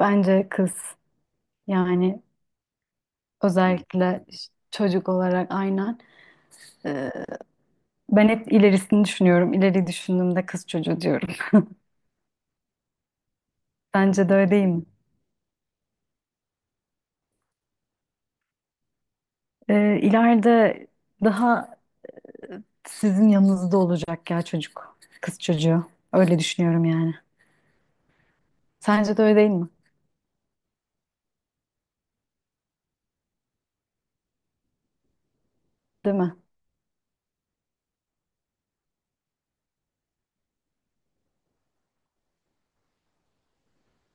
Bence kız yani özellikle çocuk olarak aynen. Ee, Ben hep ilerisini düşünüyorum. İleri düşündüğümde kız çocuğu diyorum. Bence de öyle değil mi? İleride daha sizin yanınızda olacak ya çocuk. Kız çocuğu. Öyle düşünüyorum yani. Sence de öyle değil mi? Değil mi?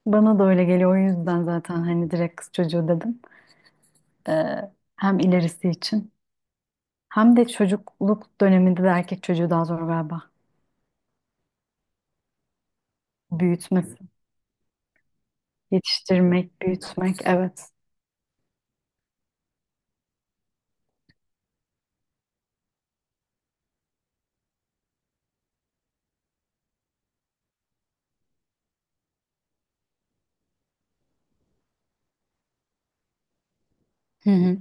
Bana da öyle geliyor. O yüzden zaten hani direkt kız çocuğu dedim. Ee, Hem ilerisi için. Hem de çocukluk döneminde de erkek çocuğu daha zor galiba. Büyütmesi. Yetiştirmek, büyütmek, evet. Hı hı.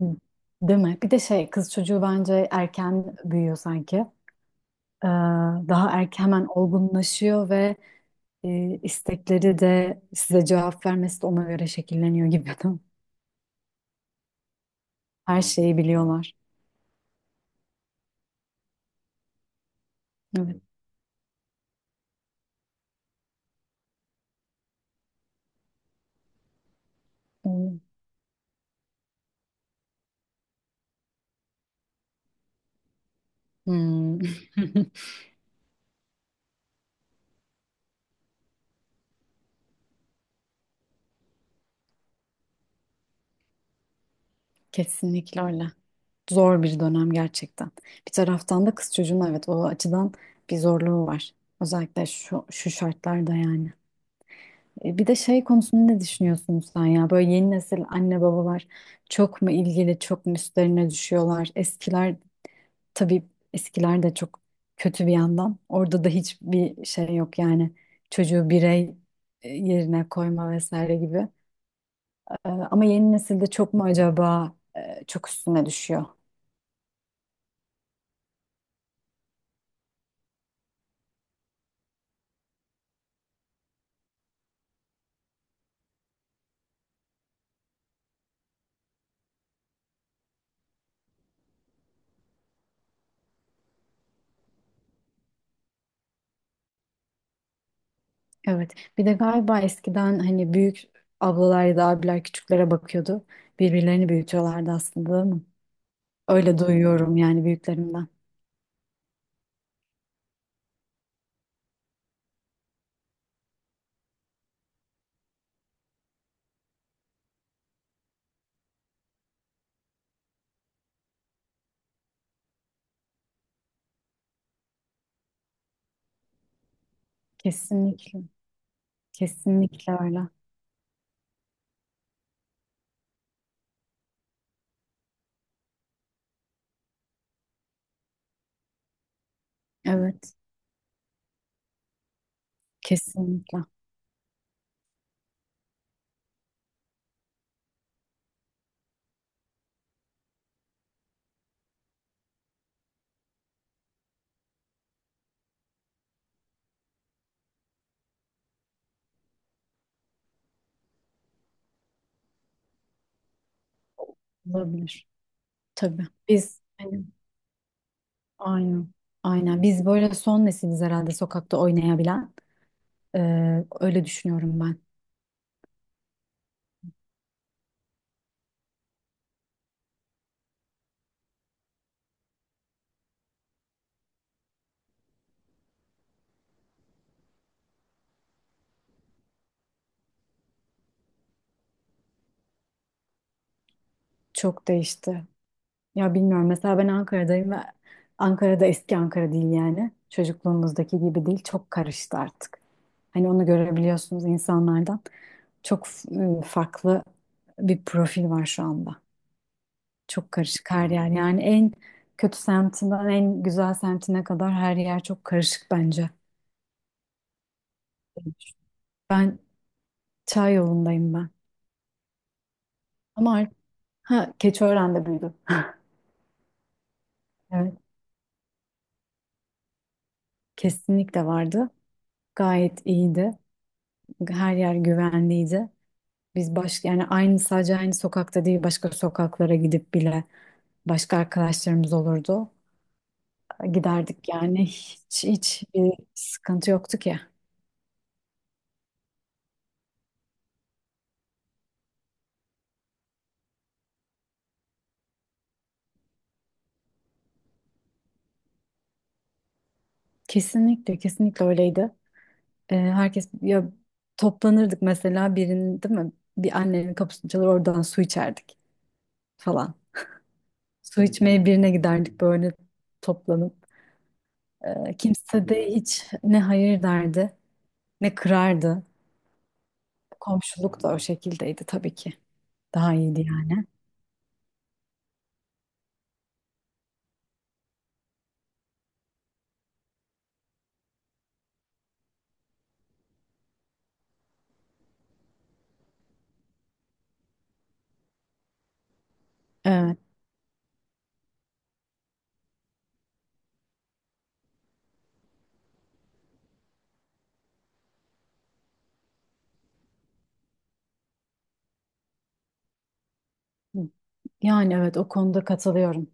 Hı. Değil mi? Bir de şey, kız çocuğu bence erken büyüyor sanki. Ee, Daha erken hemen olgunlaşıyor ve istekleri de size cevap vermesi de ona göre şekilleniyor gibi. Her şeyi biliyorlar. Evet. Hmm. Hmm. Kesinlikle öyle. Zor bir dönem gerçekten. Bir taraftan da kız çocuğun evet o açıdan bir zorluğu var. Özellikle şu şartlarda yani. E, bir de şey konusunda ne düşünüyorsun sen ya? Böyle yeni nesil anne babalar çok mu ilgili, çok mu üstlerine düşüyorlar? Eskiler tabii eskiler de çok kötü bir yandan. Orada da hiçbir şey yok yani. Çocuğu birey yerine koyma vesaire gibi. Ama yeni nesilde çok mu acaba çok üstüne düşüyor? Evet. Bir de galiba eskiden hani büyük ablalar ya da abiler küçüklere bakıyordu. Birbirlerini büyütüyorlardı aslında değil mi? Öyle duyuyorum yani büyüklerimden. Kesinlikle. Kesinlikle öyle. Evet. Kesinlikle. Olabilir. Tabii. Biz hani, aynen. Aynen. Biz böyle son nesiliz herhalde sokakta oynayabilen. Öyle düşünüyorum ben. Çok değişti. Ya bilmiyorum. Mesela ben Ankara'dayım ve Ankara'da eski Ankara değil yani. Çocukluğumuzdaki gibi değil. Çok karıştı artık. Hani onu görebiliyorsunuz insanlardan. Çok farklı bir profil var şu anda. Çok karışık her yer. Yani en kötü semtinden en güzel semtine kadar her yer çok karışık bence. Ben Çay yolundayım ben. Ama artık ha, Keçiören'de büyüdüm. Evet, kesinlikle vardı. Gayet iyiydi. Her yer güvenliydi. Biz baş Yani aynı sokakta değil başka sokaklara gidip bile başka arkadaşlarımız olurdu. Giderdik yani hiç bir sıkıntı yoktu ki. Kesinlikle öyleydi. Herkes ya toplanırdık mesela birinin değil mi? Bir annenin kapısını çalar oradan su içerdik falan. Su içmeye birine giderdik böyle toplanıp. Kimse de hiç ne hayır derdi ne kırardı. Komşuluk da o şekildeydi tabii ki. Daha iyiydi yani. Evet. Yani evet o konuda katılıyorum.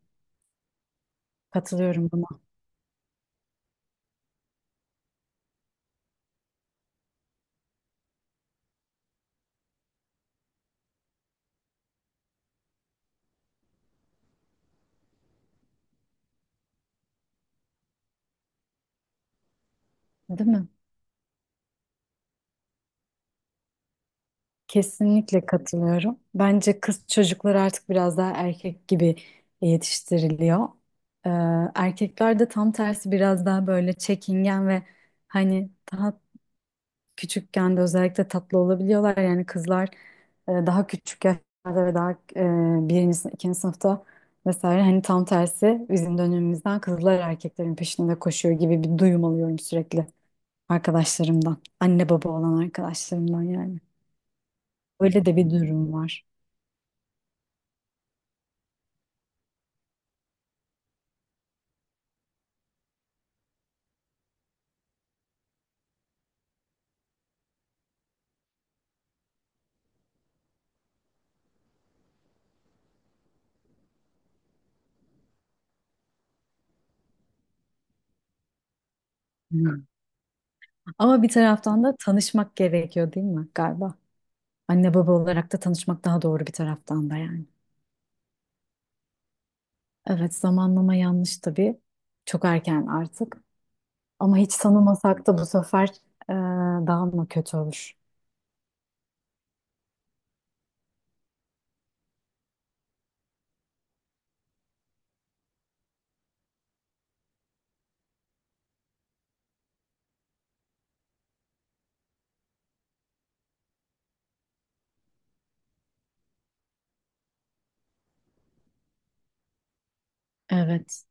Katılıyorum buna. Değil mi? Kesinlikle katılıyorum. Bence kız çocukları artık biraz daha erkek gibi yetiştiriliyor. Ee, Erkekler de tam tersi biraz daha böyle çekingen ve hani daha küçükken de özellikle tatlı olabiliyorlar. Yani kızlar daha küçük yaşlarda ve daha ikinci sınıfta vesaire hani tam tersi bizim dönemimizden kızlar erkeklerin peşinde koşuyor gibi bir duyum alıyorum sürekli arkadaşlarımdan. Anne baba olan arkadaşlarımdan yani. Öyle de bir durum var. Hmm. Ama bir taraftan da tanışmak gerekiyor değil mi galiba? Anne baba olarak da tanışmak daha doğru bir taraftan da yani. Evet zamanlama yanlış tabii. Çok erken artık. Ama hiç tanımasak da bu sefer e, daha mı kötü olur? Evet,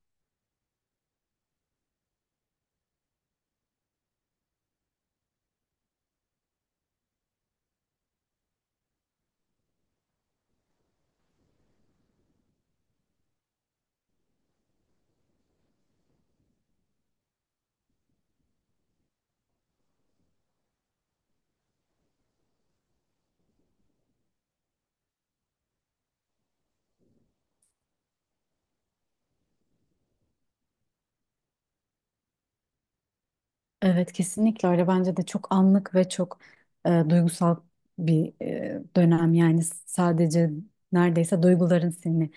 evet kesinlikle öyle. Bence de çok anlık ve çok duygusal bir dönem. Yani sadece neredeyse duyguların seni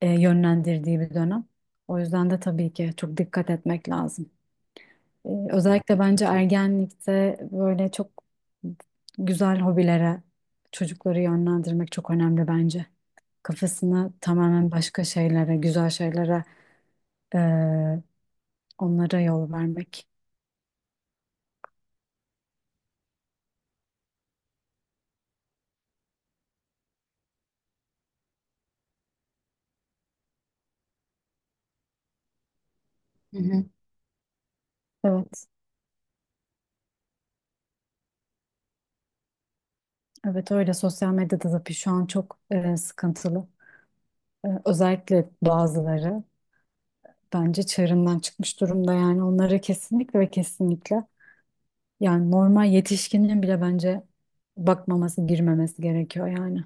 yönlendirdiği bir dönem. O yüzden de tabii ki çok dikkat etmek lazım. E, özellikle bence ergenlikte böyle çok güzel hobilere çocukları yönlendirmek çok önemli bence. Kafasını tamamen başka şeylere, güzel şeylere. Ee, Onlara yol vermek. Hı hı. Evet, evet öyle sosyal medyada tabii şu an çok sıkıntılı. E, özellikle bazıları bence çığırından çıkmış durumda yani onlara kesinlikle ve kesinlikle yani normal yetişkinin bile bence bakmaması, girmemesi gerekiyor yani.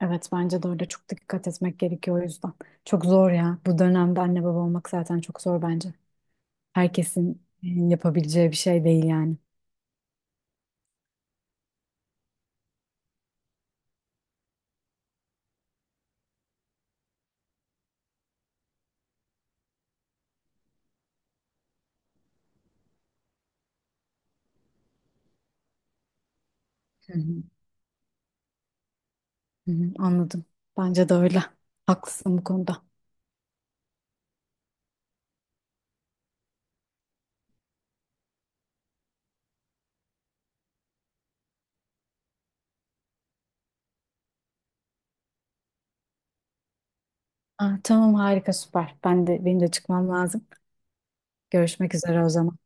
Evet bence de öyle çok dikkat etmek gerekiyor o yüzden. Çok zor ya. Bu dönemde anne baba olmak zaten çok zor bence. Herkesin yapabileceği bir şey değil yani. Hı hı, anladım. Bence de öyle. Haklısın bu konuda. Ah, tamam harika süper. Ben de benim de çıkmam lazım. Görüşmek üzere o zaman.